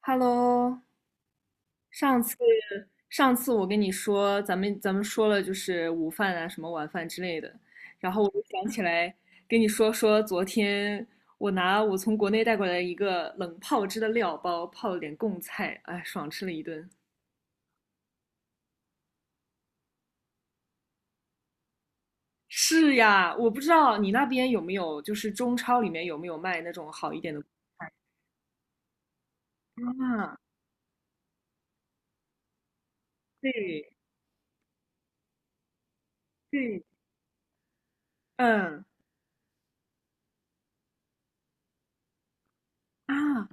Hello，上次上次我跟你说，咱们说了就是午饭啊，什么晚饭之类的，然后我就想起来跟你说说，昨天我拿我从国内带过来一个冷泡汁的料包，泡了点贡菜，哎，爽吃了一顿。是呀，我不知道你那边有没有，就是中超里面有没有卖那种好一点的贡菜啊？对对，嗯啊，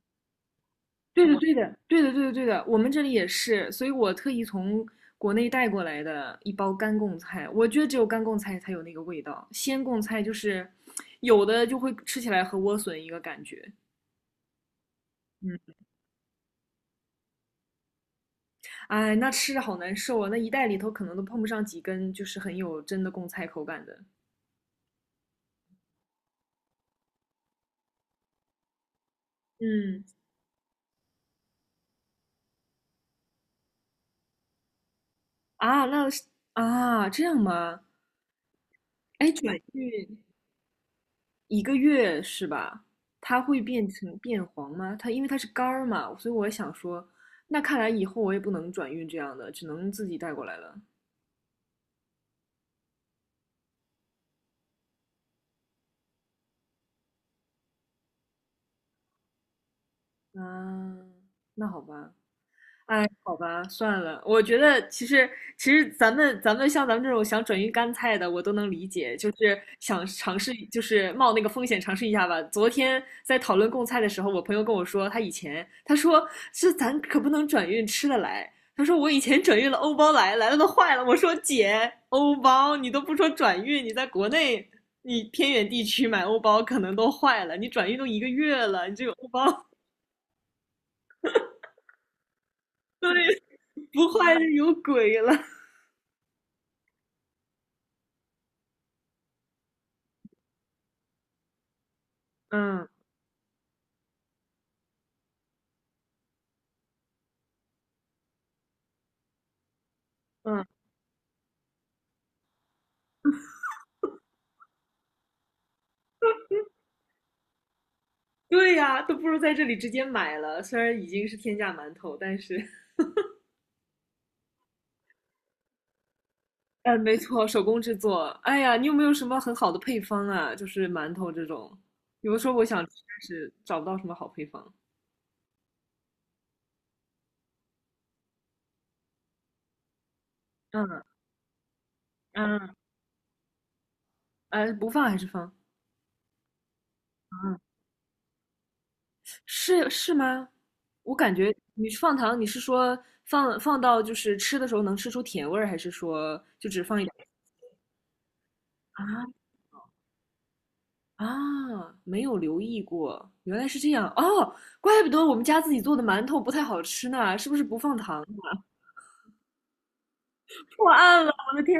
对的，对的，对的，对的，对的，我们这里也是，所以我特意从国内带过来的一包干贡菜，我觉得只有干贡菜才有那个味道，鲜贡菜就是有的就会吃起来和莴笋一个感觉，嗯，哎，那吃着好难受啊，那一袋里头可能都碰不上几根，就是很有真的贡菜口感的，嗯，啊，那是啊，这样吗？哎，转运一个月是吧？它会变成变黄吗？它因为它是干儿嘛，所以我想说，那看来以后我也不能转运这样的，只能自己带过来了。啊，那好吧，哎，好吧，算了。我觉得其实咱们像咱们这种想转运干菜的，我都能理解，就是想尝试，就是冒那个风险尝试一下吧。昨天在讨论贡菜的时候，我朋友跟我说，他以前他说这咱可不能转运吃的来，他说我以前转运了欧包来，来了都坏了。我说姐，欧包你都不说转运，你在国内你偏远地区买欧包可能都坏了，你转运都一个月了，你这个欧包 对不坏就有鬼了。嗯嗯，对呀，都不如在这里直接买了。虽然已经是天价馒头，但是，嗯，没错，手工制作。哎呀，你有没有什么很好的配方啊？就是馒头这种，有的时候我想吃，但是找不到什么好配方。嗯嗯，不放还是放？嗯，是是吗？我感觉你放糖，你是说放放到就是吃的时候能吃出甜味儿，还是说就只放一点？啊啊，没有留意过，原来是这样哦，怪不得我们家自己做的馒头不太好吃呢，是不是不放糖啊破案了，我的天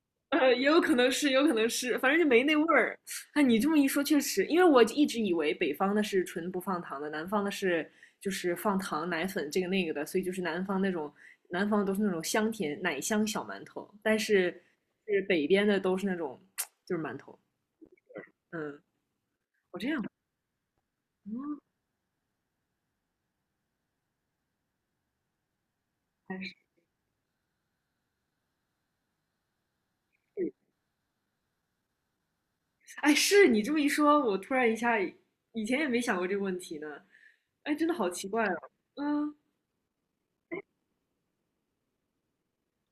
也有可能是，也有可能是，反正就没那味儿。哎，你这么一说，确实，因为我一直以为北方的是纯不放糖的，南方的是就是放糖、奶粉这个那个的，所以就是南方那种，南方都是那种香甜奶香小馒头，但是是北边的都是那种就是馒头。嗯，我这样，嗯，还是。哎，是你这么一说，我突然一下以前也没想过这个问题呢。哎，真的好奇怪哦。嗯，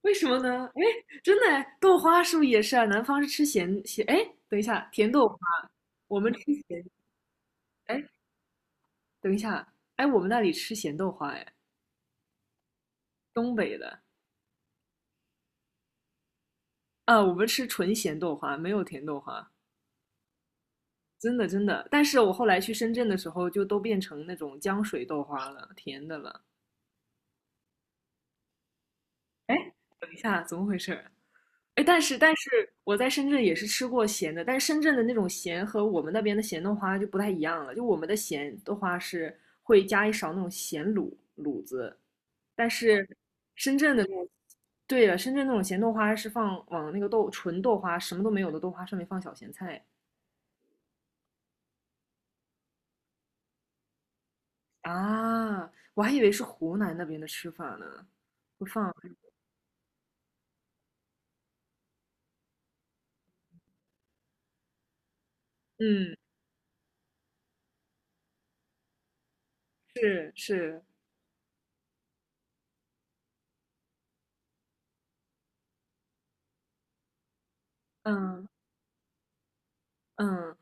为什么呢？哎，真的哎，豆花是不是也是啊？南方是吃咸咸，哎，等一下，甜豆花，我们吃咸，哎，等一下，哎，我们那里吃咸豆花，哎，东北的啊，我们吃纯咸豆花，没有甜豆花，真的真的。但是我后来去深圳的时候，就都变成那种浆水豆花了，甜的了。哎，等一下，怎么回事？哎，但是我在深圳也是吃过咸的，但是深圳的那种咸和我们那边的咸豆花就不太一样了。就我们的咸豆花是会加一勺那种咸卤卤子，但是深圳的那种，对了，深圳那种咸豆花是放往那个豆纯豆花什么都没有的豆花上面放小咸菜啊，我还以为是湖南那边的吃法呢，会放，嗯，是是，嗯嗯，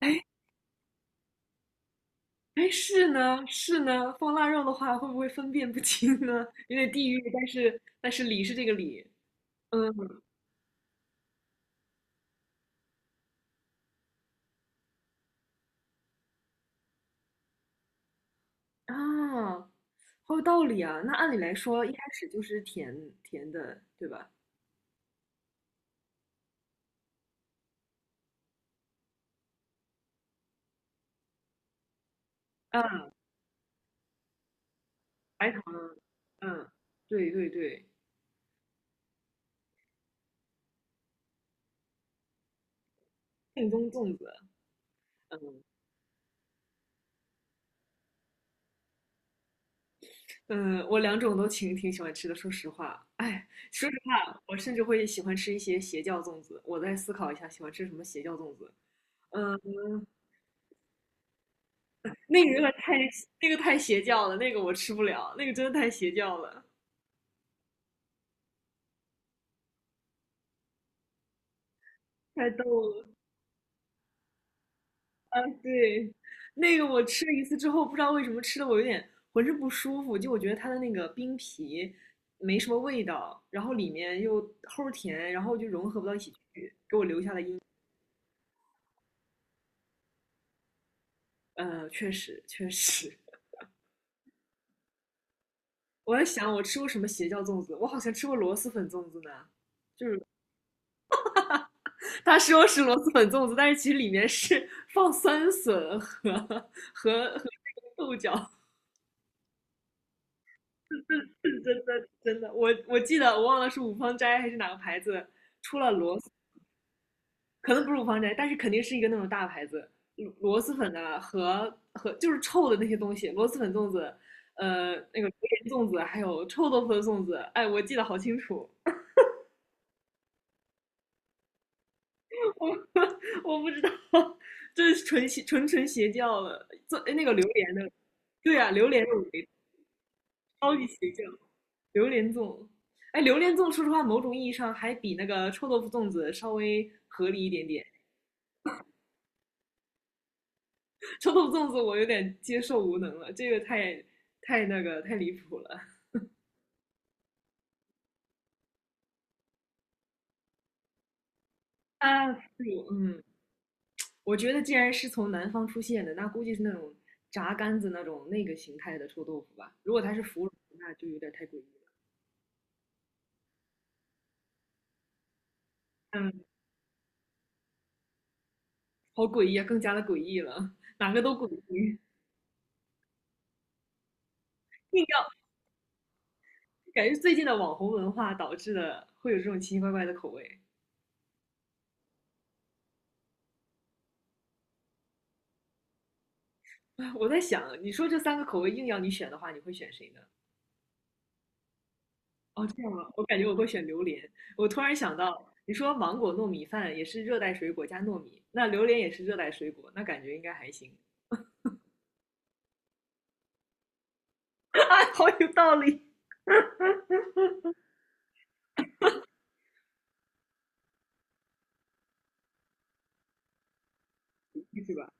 哎哎，是呢，是呢，放腊肉的话，会不会分辨不清呢？有点地域，但是理是这个理，嗯啊，好有道理啊。那按理来说，一开始就是甜的，对吧？嗯，白糖，嗯，对对对，正宗粽子，嗯嗯，我两种都挺喜欢吃的，说实话，哎，说实话，我甚至会喜欢吃一些邪教粽子。我再思考一下，喜欢吃什么邪教粽子。嗯。那个太那个太邪教了，那个我吃不了，那个真的太邪教了，太逗了。对，那个我吃了一次之后，不知道为什么吃的我有点浑身不舒服，就我觉得它的那个冰皮没什么味道，然后里面又齁甜，然后就融合不到一起去。确实，我在想我吃过什么邪教粽子，我好像吃过螺蛳粉粽子呢，就是他说是螺蛳粉粽子，但是其实里面是放酸笋和豆角。真的真的，我记得我忘了是五芳斋还是哪个牌子出了螺蛳可能不是五芳斋，但是肯定是一个那种大牌子，螺蛳粉的和就是臭的那些东西，螺蛳粉粽子，那个榴莲粽子，还有臭豆腐的粽子，哎，我记得好清楚，我我不知道，这是纯邪教了，做哎那个榴莲的，对啊，榴莲的围超级邪教，榴莲粽，哎，榴莲粽说实话，某种意义上还比那个臭豆腐粽子稍微合理一点点。臭豆腐粽子我有点接受无能了，这个太那个太离谱了啊！腐乳，嗯，我觉得既然是从南方出现的，那估计是那种炸干子那种那个形态的臭豆腐吧。如果它是腐乳，那就有点太诡异了。嗯，好诡异啊，更加的诡异了，哪个都诡异，硬要感觉最近的网红文化导致的会有这种奇奇怪怪的口味。我在想，你说这三个口味硬要你选的话，你会选谁呢？哦，这样啊，我感觉我会选榴莲。我突然想到，你说芒果糯米饭也是热带水果加糯米，那榴莲也是热带水果，那感觉应该还行。啊，好有道理，是吧？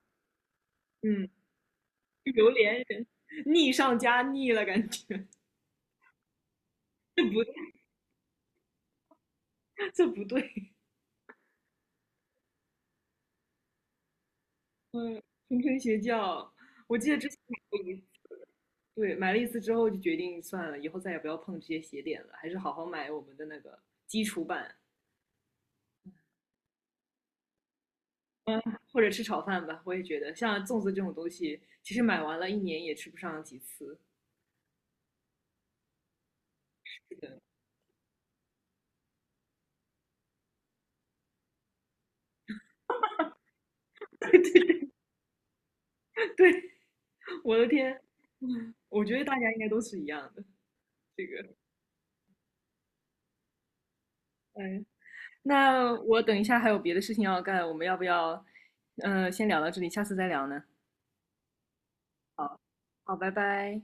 嗯，榴莲腻上加腻了，感觉 这不这不对。嗯，谆谆学教，我记得之前买过一次，对买了一次之后就决定算了，以后再也不要碰这些鞋点了，还是好好买我们的那个基础版。嗯，或者吃炒饭吧，我也觉得像粽子这种东西，其实买完了一年也吃不上几次。这个 对，我的天，我觉得大家应该都是一样的。这个，嗯，那我等一下还有别的事情要干，我们要不要，先聊到这里，下次再聊呢？好，拜拜。